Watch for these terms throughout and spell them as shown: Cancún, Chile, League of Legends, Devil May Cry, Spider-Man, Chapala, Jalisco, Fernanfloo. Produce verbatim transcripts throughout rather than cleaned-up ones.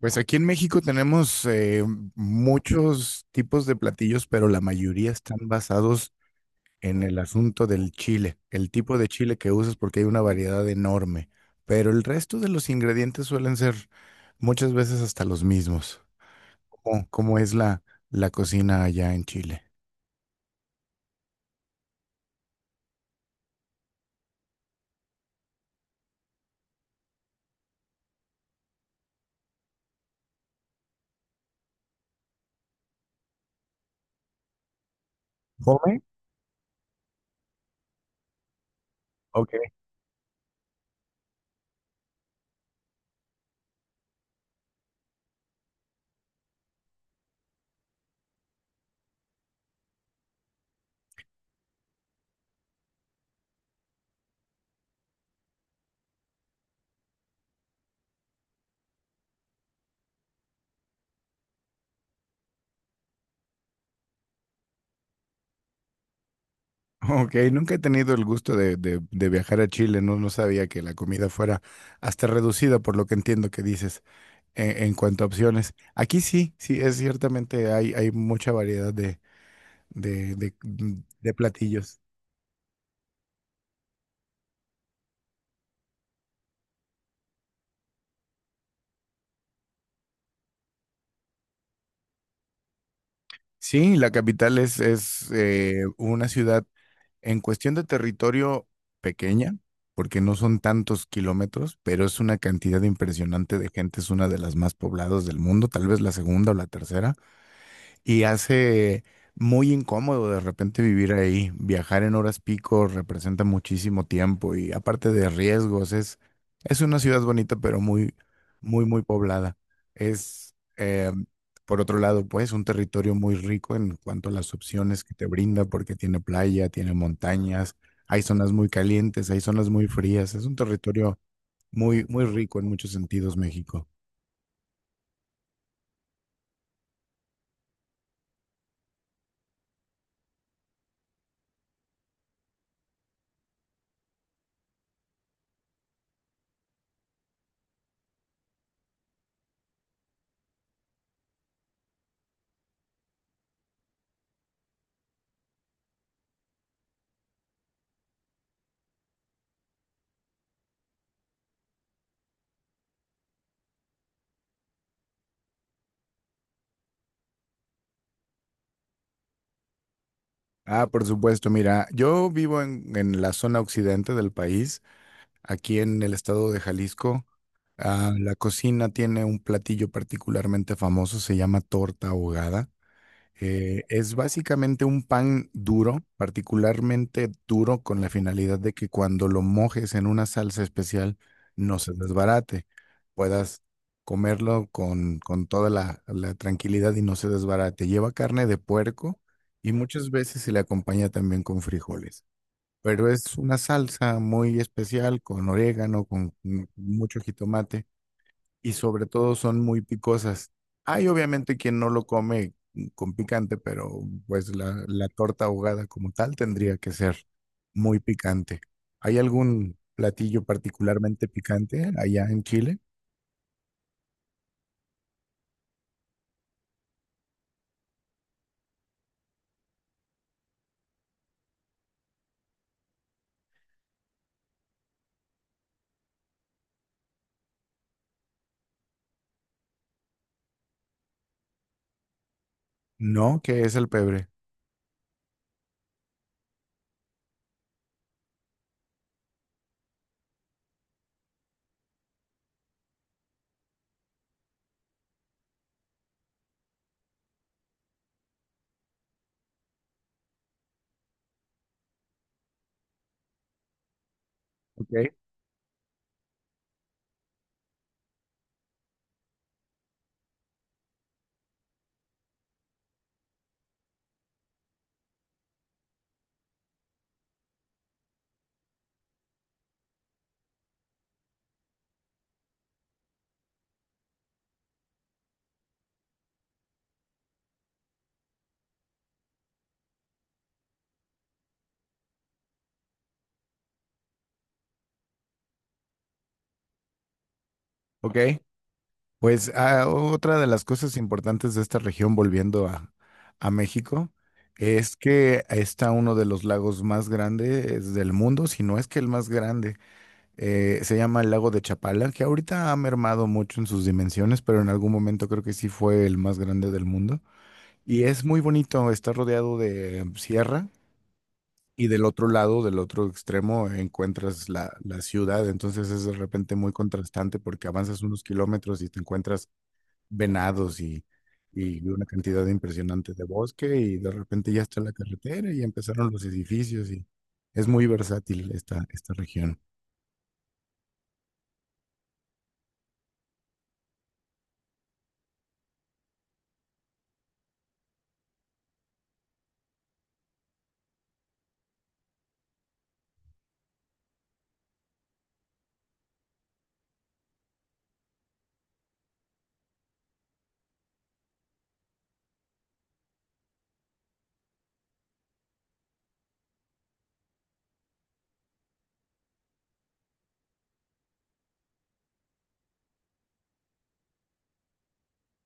Pues aquí en México tenemos eh, muchos tipos de platillos, pero la mayoría están basados en el asunto del chile, el tipo de chile que usas porque hay una variedad enorme, pero el resto de los ingredientes suelen ser muchas veces hasta los mismos. ¿Cómo, cómo es la, la cocina allá en Chile? ¿Come? Ok. Ok, nunca he tenido el gusto de, de- de viajar a Chile, no, no sabía que la comida fuera hasta reducida por lo que entiendo que dices. en, en cuanto a opciones. Aquí sí, sí, es ciertamente hay, hay mucha variedad de, de, de- mm, de platillos. Sí, la capital es, es eh, una ciudad en cuestión de territorio pequeña, porque no son tantos kilómetros, pero es una cantidad impresionante de gente, es una de las más pobladas del mundo, tal vez la segunda o la tercera. Y hace muy incómodo de repente vivir ahí. Viajar en horas pico representa muchísimo tiempo y aparte de riesgos, es, es una ciudad bonita, pero muy, muy, muy poblada. Es, eh, por otro lado, pues, un territorio muy rico en cuanto a las opciones que te brinda, porque tiene playa, tiene montañas, hay zonas muy calientes, hay zonas muy frías. Es un territorio muy, muy rico en muchos sentidos, México. Ah, por supuesto, mira, yo vivo en, en la zona occidente del país, aquí en el estado de Jalisco. Ah, la cocina tiene un platillo particularmente famoso, se llama torta ahogada. Eh, es básicamente un pan duro, particularmente duro, con la finalidad de que cuando lo mojes en una salsa especial no se desbarate, puedas comerlo con, con toda la, la tranquilidad y no se desbarate. Lleva carne de puerco y muchas veces se le acompaña también con frijoles, pero es una salsa muy especial con orégano, con mm, mucho jitomate y sobre todo son muy picosas. Hay obviamente quien no lo come con picante, pero pues la, la torta ahogada como tal tendría que ser muy picante. ¿Hay algún platillo particularmente picante allá en Chile? No, que es el pebre. Ok. Ok. Pues ah, otra de las cosas importantes de esta región, volviendo a, a México, es que está uno de los lagos más grandes del mundo, si no es que el más grande. Eh, se llama el lago de Chapala, que ahorita ha mermado mucho en sus dimensiones, pero en algún momento creo que sí fue el más grande del mundo. Y es muy bonito, está rodeado de sierra y del otro lado, del otro extremo, encuentras la, la ciudad. Entonces es de repente muy contrastante porque avanzas unos kilómetros y te encuentras venados y, y una cantidad impresionante de bosque y de repente ya está la carretera y empezaron los edificios y es muy versátil esta, esta región.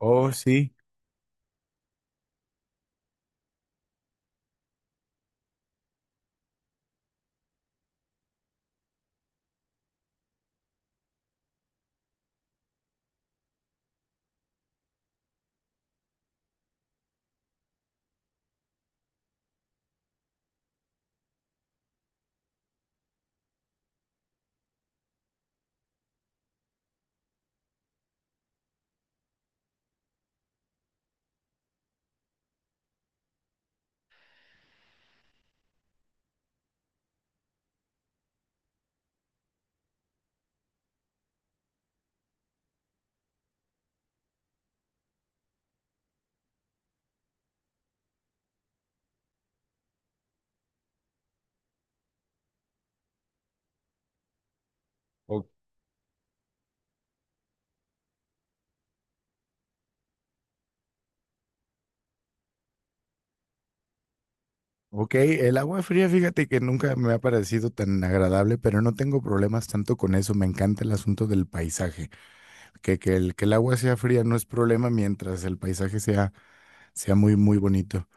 Oh, sí. Ok. Ok, el agua fría, fíjate que nunca me ha parecido tan agradable, pero no tengo problemas tanto con eso. Me encanta el asunto del paisaje. Que, que el, que el agua sea fría no es problema mientras el paisaje sea, sea muy, muy bonito.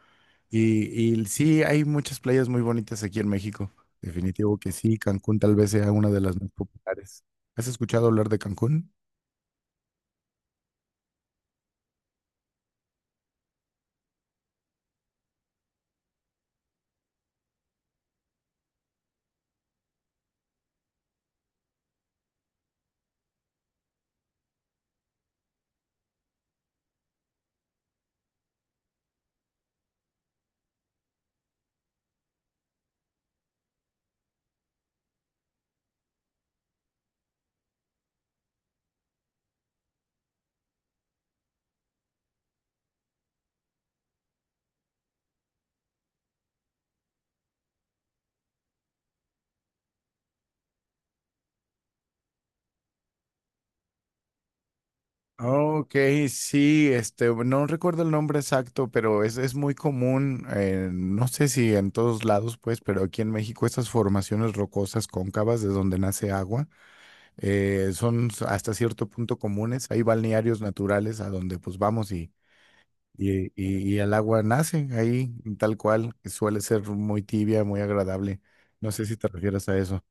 Y, y sí, hay muchas playas muy bonitas aquí en México. Definitivo que sí, Cancún tal vez sea una de las más populares. ¿Has escuchado hablar de Cancún? Ok, sí, este, no recuerdo el nombre exacto, pero es, es muy común, eh, no sé si en todos lados, pues, pero aquí en México estas formaciones rocosas cóncavas de donde nace agua eh, son s- hasta cierto punto comunes. Hay balnearios naturales a donde pues vamos y, y, y- y el agua nace ahí tal cual, que suele ser muy tibia, muy agradable. No sé si te refieres a eso.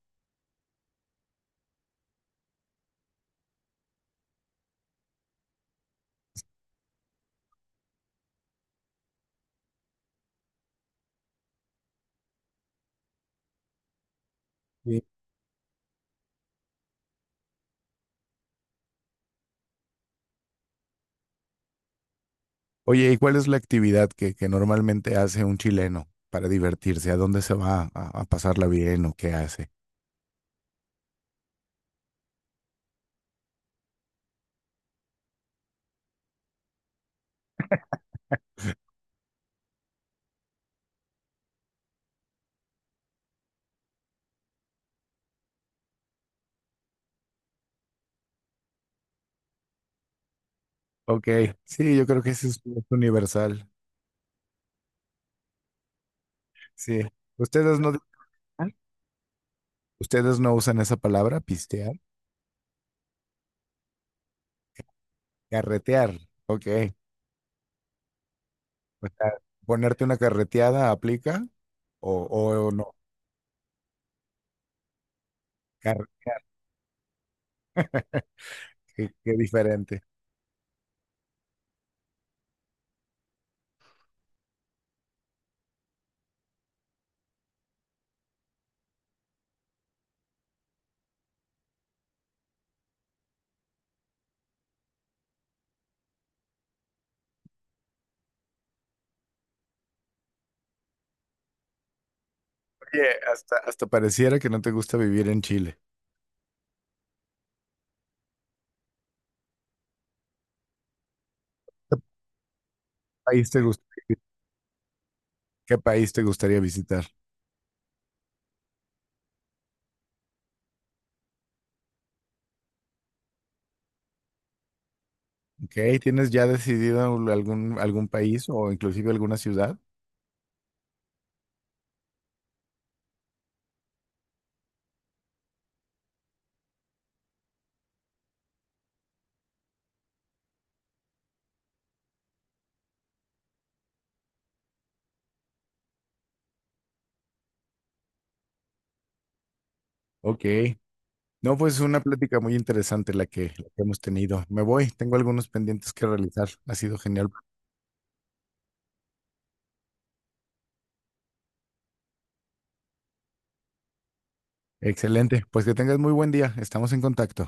Oye, ¿y cuál es la actividad que, que normalmente hace un chileno para divertirse? ¿A dónde se va a, a pasarla bien o qué hace? Ok, sí, yo creo que eso es, es universal. Sí. ¿Ustedes no, ¿ustedes no usan esa palabra, pistear? Carretear. Ok. O sea, ponerte una carreteada aplica o, o- o no. Car- qué, qué diferente. Oye, hasta, hasta pareciera que no te gusta vivir en Chile. ¿Qué país te gust- ¿Qué país te gustaría visitar? Ok, ¿tienes ya decidido algún, algún país o inclusive alguna ciudad? Ok. No, pues es una plática muy interesante la que, la que hemos tenido. Me voy, tengo algunos pendientes que realizar. Ha sido genial. Excelente. Pues que tengas muy buen día. Estamos en contacto.